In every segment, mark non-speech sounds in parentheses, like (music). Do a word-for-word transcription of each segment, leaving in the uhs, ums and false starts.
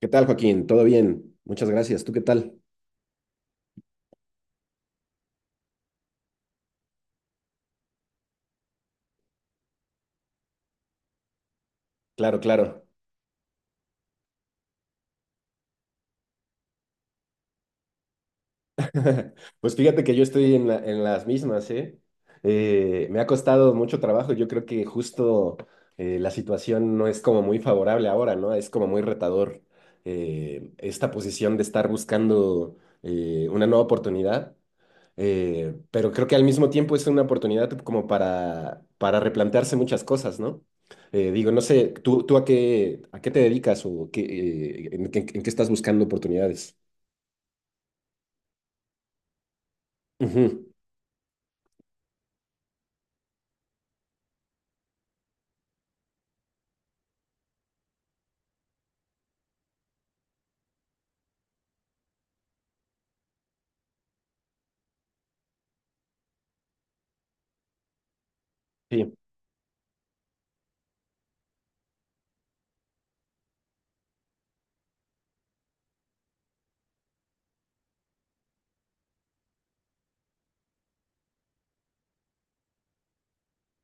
¿Qué tal, Joaquín? ¿Todo bien? Muchas gracias. ¿Tú qué tal? Claro, claro. (laughs) Pues fíjate que yo estoy en la- en las mismas, ¿eh? Eh, me ha costado mucho trabajo. Yo creo que justo eh, la situación no es como muy favorable ahora, ¿no? Es como muy retador, eh, esta posición de estar buscando eh, una nueva oportunidad. Eh, pero creo que al mismo tiempo es una oportunidad como para, para replantearse muchas cosas, ¿no? Eh, digo, no sé, ¿tú, tú a qué, a qué te dedicas o qué, eh, en, qué en qué estás buscando oportunidades? Ujú, sí,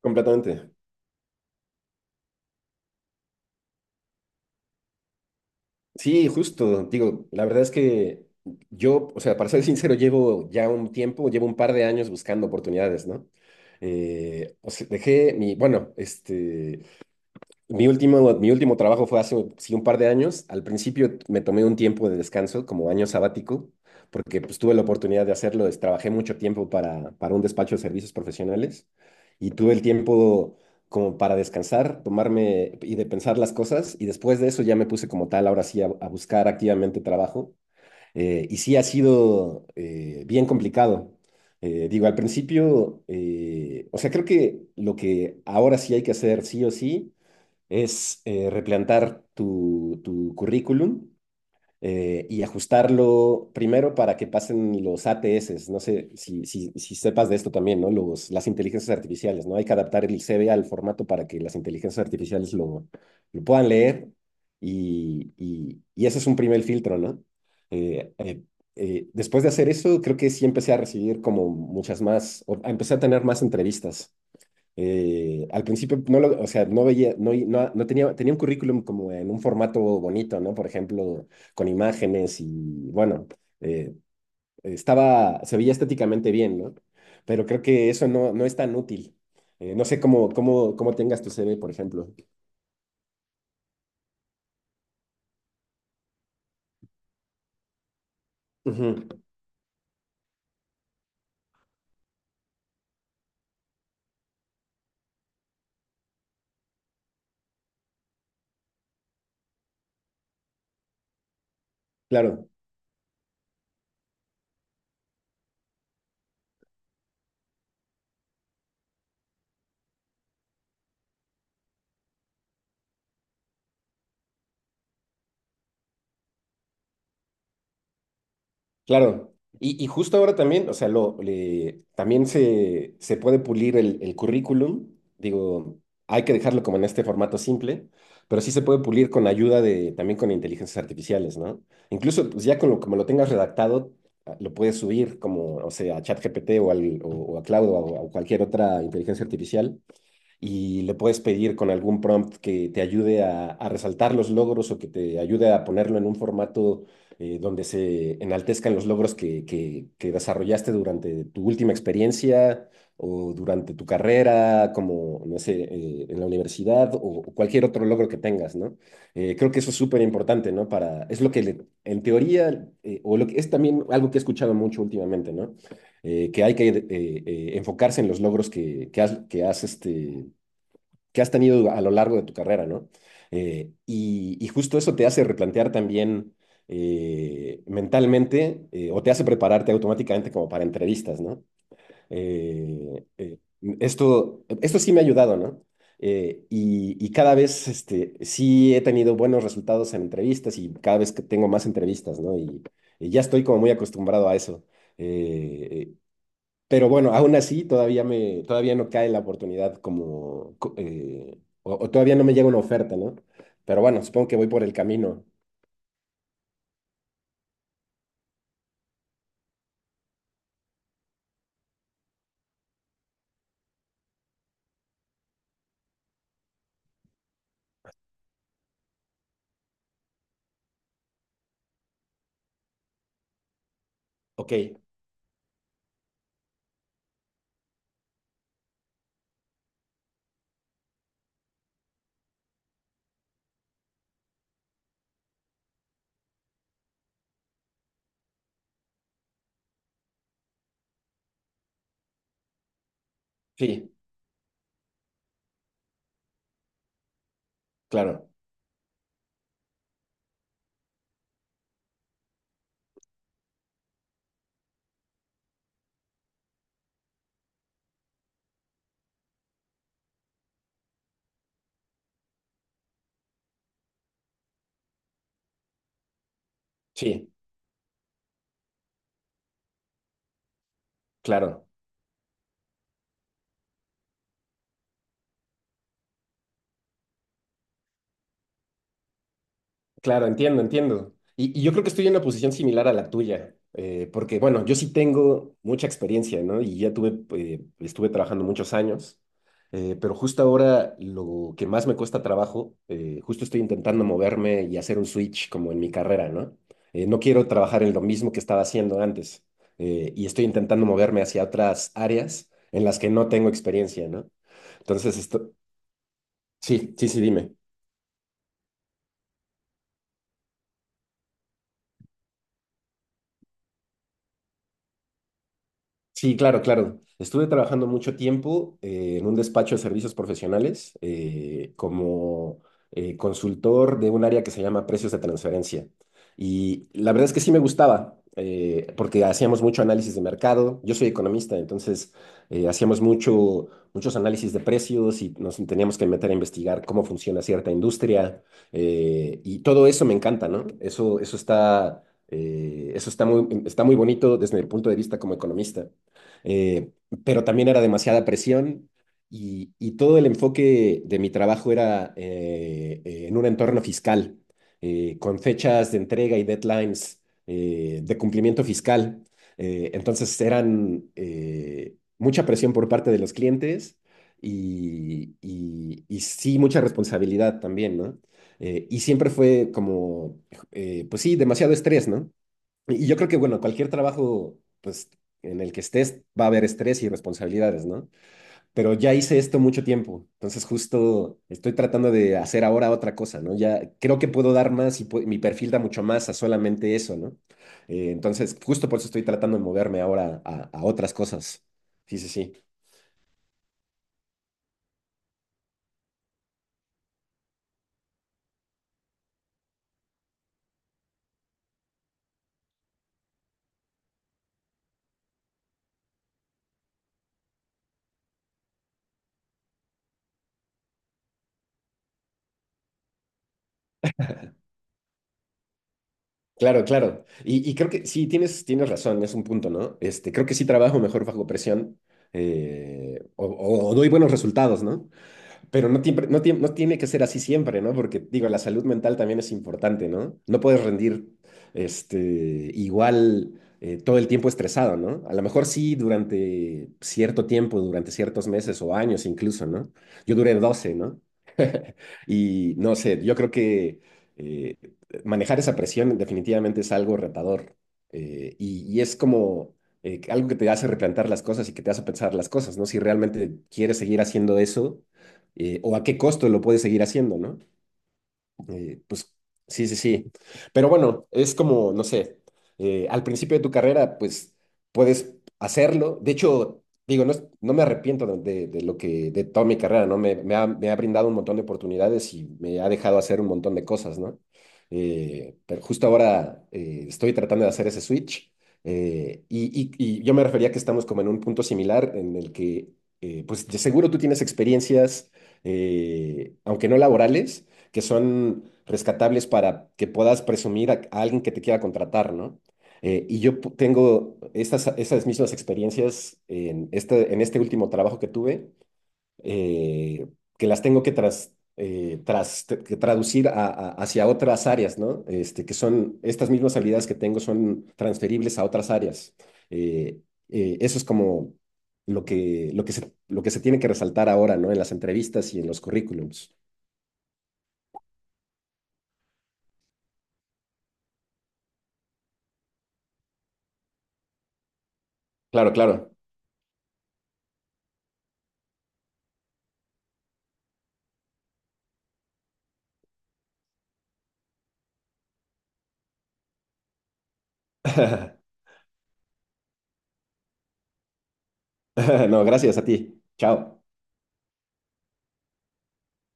completamente. Sí, justo. Digo, la verdad es que yo, o sea, para ser (laughs) sincero, llevo ya un tiempo, llevo un par de años buscando oportunidades, ¿no? Eh, o sea, dejé mi, bueno, este, mi último, mi último trabajo fue hace sí, un par de años. Al principio me tomé un tiempo de descanso, como año sabático, porque pues, tuve la oportunidad de hacerlo. es- Trabajé mucho tiempo para, para un despacho de servicios profesionales y tuve el tiempo como para descansar, tomarme y de pensar las cosas. Y después de eso ya me puse como tal, ahora sí, a, a buscar activamente trabajo. Eh, y sí ha sido, eh, bien complicado. Eh, digo, al principio, eh, o sea, creo que lo que ahora sí hay que hacer sí o sí es, eh, replantar tu, tu currículum, eh, y ajustarlo primero para que pasen los A T S. No sé si, si, si sepas de esto también, ¿no? Los, las inteligencias artificiales, ¿no? Hay que adaptar el C V al formato para que las inteligencias artificiales lo, lo puedan leer y, y, y ese es un primer filtro, ¿no? Eh, eh, eh, después de hacer eso, creo que sí empecé a recibir como muchas más, o- empecé a tener más entrevistas, eh, al principio no lo, o sea, no veía, no, no, no tenía, tenía un currículum como en un formato bonito, ¿no? Por ejemplo, con imágenes y bueno, eh, estaba, se veía estéticamente bien, ¿no? Pero creo que eso no, no es tan útil. Eh, no sé cómo, cómo, cómo tengas tu C V, por ejemplo. Ujú, claro. Claro, y, y justo ahora también, o sea, lo, le- también se, se puede pulir el, el currículum, digo, hay que dejarlo como en este formato simple, pero sí se puede pulir con ayuda de, también con inteligencias artificiales, ¿no? Incluso, pues ya con lo, como lo tengas redactado, ah, lo puedes subir como, o sea, a ChatGPT o, al, o, o a Cloud o a o a cualquier otra inteligencia artificial y le puedes pedir con algún prompt que te ayude a, a resaltar los logros o que te ayude a ponerlo en un formato, eh, donde se enaltezcan los logros que, que, que desarrollaste durante tu última experiencia o durante tu carrera, como, no sé, eh, en la universidad o, o cualquier otro logro que tengas, ¿no? Eh, creo que eso es súper importante, ¿no? Para, es lo que le- en teoría, eh, o lo que es también algo que he escuchado mucho últimamente, ¿no? Eh, que hay que eh, eh, enfocarse en los logros que, que has, que has este, que has tenido a lo largo de tu carrera, ¿no? Eh, y, y justo eso te hace replantear también, eh, mentalmente, eh, o te hace prepararte automáticamente como para entrevistas, ¿no? Eh, eh, esto, esto sí me ha ayudado, ¿no? Eh, y, y cada vez este, sí he tenido buenos resultados en entrevistas y cada vez que tengo más entrevistas, ¿no? Y, y ya estoy como muy acostumbrado a eso. Eh, pero bueno, aún así todavía me, todavía no cae la oportunidad como, co- eh, o, o todavía no me llega una oferta, ¿no? Pero bueno, supongo que voy por el camino. Ok, sí, claro, sí, claro. Claro, entiendo, entiendo. Y, y yo creo que estoy en una posición similar a la tuya, eh, porque bueno, yo sí tengo mucha experiencia, ¿no? Y ya tuve, eh, estuve trabajando muchos años, eh, pero justo ahora lo que más me cuesta trabajo, eh, justo estoy intentando moverme y hacer un switch como en mi carrera, ¿no? Eh, no quiero trabajar en lo mismo que estaba haciendo antes, eh, y estoy intentando moverme hacia otras áreas en las que no tengo experiencia, ¿no? Entonces, esto, sí, sí, sí, dime. Sí, claro, claro. Estuve trabajando mucho tiempo, eh, en un despacho de servicios profesionales, eh, como, eh, consultor de un área que se llama precios de transferencia. Y la verdad es que sí me gustaba, eh, porque hacíamos mucho análisis de mercado. Yo soy economista, entonces eh, hacíamos mucho, muchos análisis de precios y nos teníamos que meter a investigar cómo funciona cierta industria. Eh, y todo eso me encanta, ¿no? Eso, eso está, eh, eso está muy, está muy bonito desde el punto de vista como economista, eh, pero también era demasiada presión y, y todo el enfoque de mi trabajo era, eh, eh, en un entorno fiscal, eh, con fechas de entrega y deadlines, eh, de cumplimiento fiscal. Eh, entonces eran, eh, mucha presión por parte de los clientes y, y- y sí mucha responsabilidad también, ¿no? Eh, y siempre fue como, eh, pues sí, demasiado estrés, ¿no? Y yo creo que, bueno, cualquier trabajo, pues, en el que estés, va a haber estrés y responsabilidades, ¿no? Pero ya hice esto mucho tiempo, entonces justo estoy tratando de hacer ahora otra cosa, ¿no? Ya creo que puedo dar más y pu- mi perfil da mucho más a solamente eso, ¿no? Eh, entonces, justo por eso estoy tratando de moverme ahora a, a otras cosas. Sí, sí, sí. Claro, claro. Y, y creo que sí, tienes, tienes razón, es un punto, ¿no? Este, creo que sí trabajo mejor bajo presión, eh, o, o o doy buenos resultados, ¿no? Pero no, tiempre- no, tie- no tiene que ser así siempre, ¿no? Porque, digo, la salud mental también es importante, ¿no? No puedes rendir este, igual, eh, todo el tiempo estresado, ¿no? A lo mejor sí durante cierto tiempo, durante ciertos meses o años incluso, ¿no? Yo duré doce, ¿no? (laughs) Y no sé, yo creo que eh, manejar esa presión definitivamente es algo retador. Eh, y, y es como, eh, algo que te hace replantar las cosas y que te hace pensar las cosas, ¿no? Si realmente quieres seguir haciendo eso, eh, o a qué costo lo puedes seguir haciendo, ¿no? Eh, pues sí, sí, sí. Pero bueno, es como, no sé, eh, al principio de tu carrera, pues puedes hacerlo. De hecho, digo, no, es- no me arrepiento de, de- de lo que, de toda mi carrera, ¿no? Me, me ha, me ha brindado un montón de oportunidades y me ha dejado hacer un montón de cosas, ¿no? Eh, pero justo ahora, eh, estoy tratando de hacer ese switch. Eh, y, y- y yo me refería que estamos como en un punto similar en el que, eh, pues de seguro tú tienes experiencias, eh, aunque no laborales, que son rescatables para que puedas presumir a, a alguien que te quiera contratar, ¿no? Eh, y yo pu- tengo estas, esas mismas experiencias en este, en este último trabajo que tuve, eh, que las tengo que, tras, eh, tras- te- que traducir a- a- hacia otras áreas, ¿no? Este, que son, estas mismas habilidades que tengo son transferibles a otras áreas. Eh, eh, eso es como lo que, lo que se, lo que se tiene que resaltar ahora, ¿no? En las entrevistas y en los currículums. Claro, claro. (laughs) (laughs) No, gracias a ti. Chao.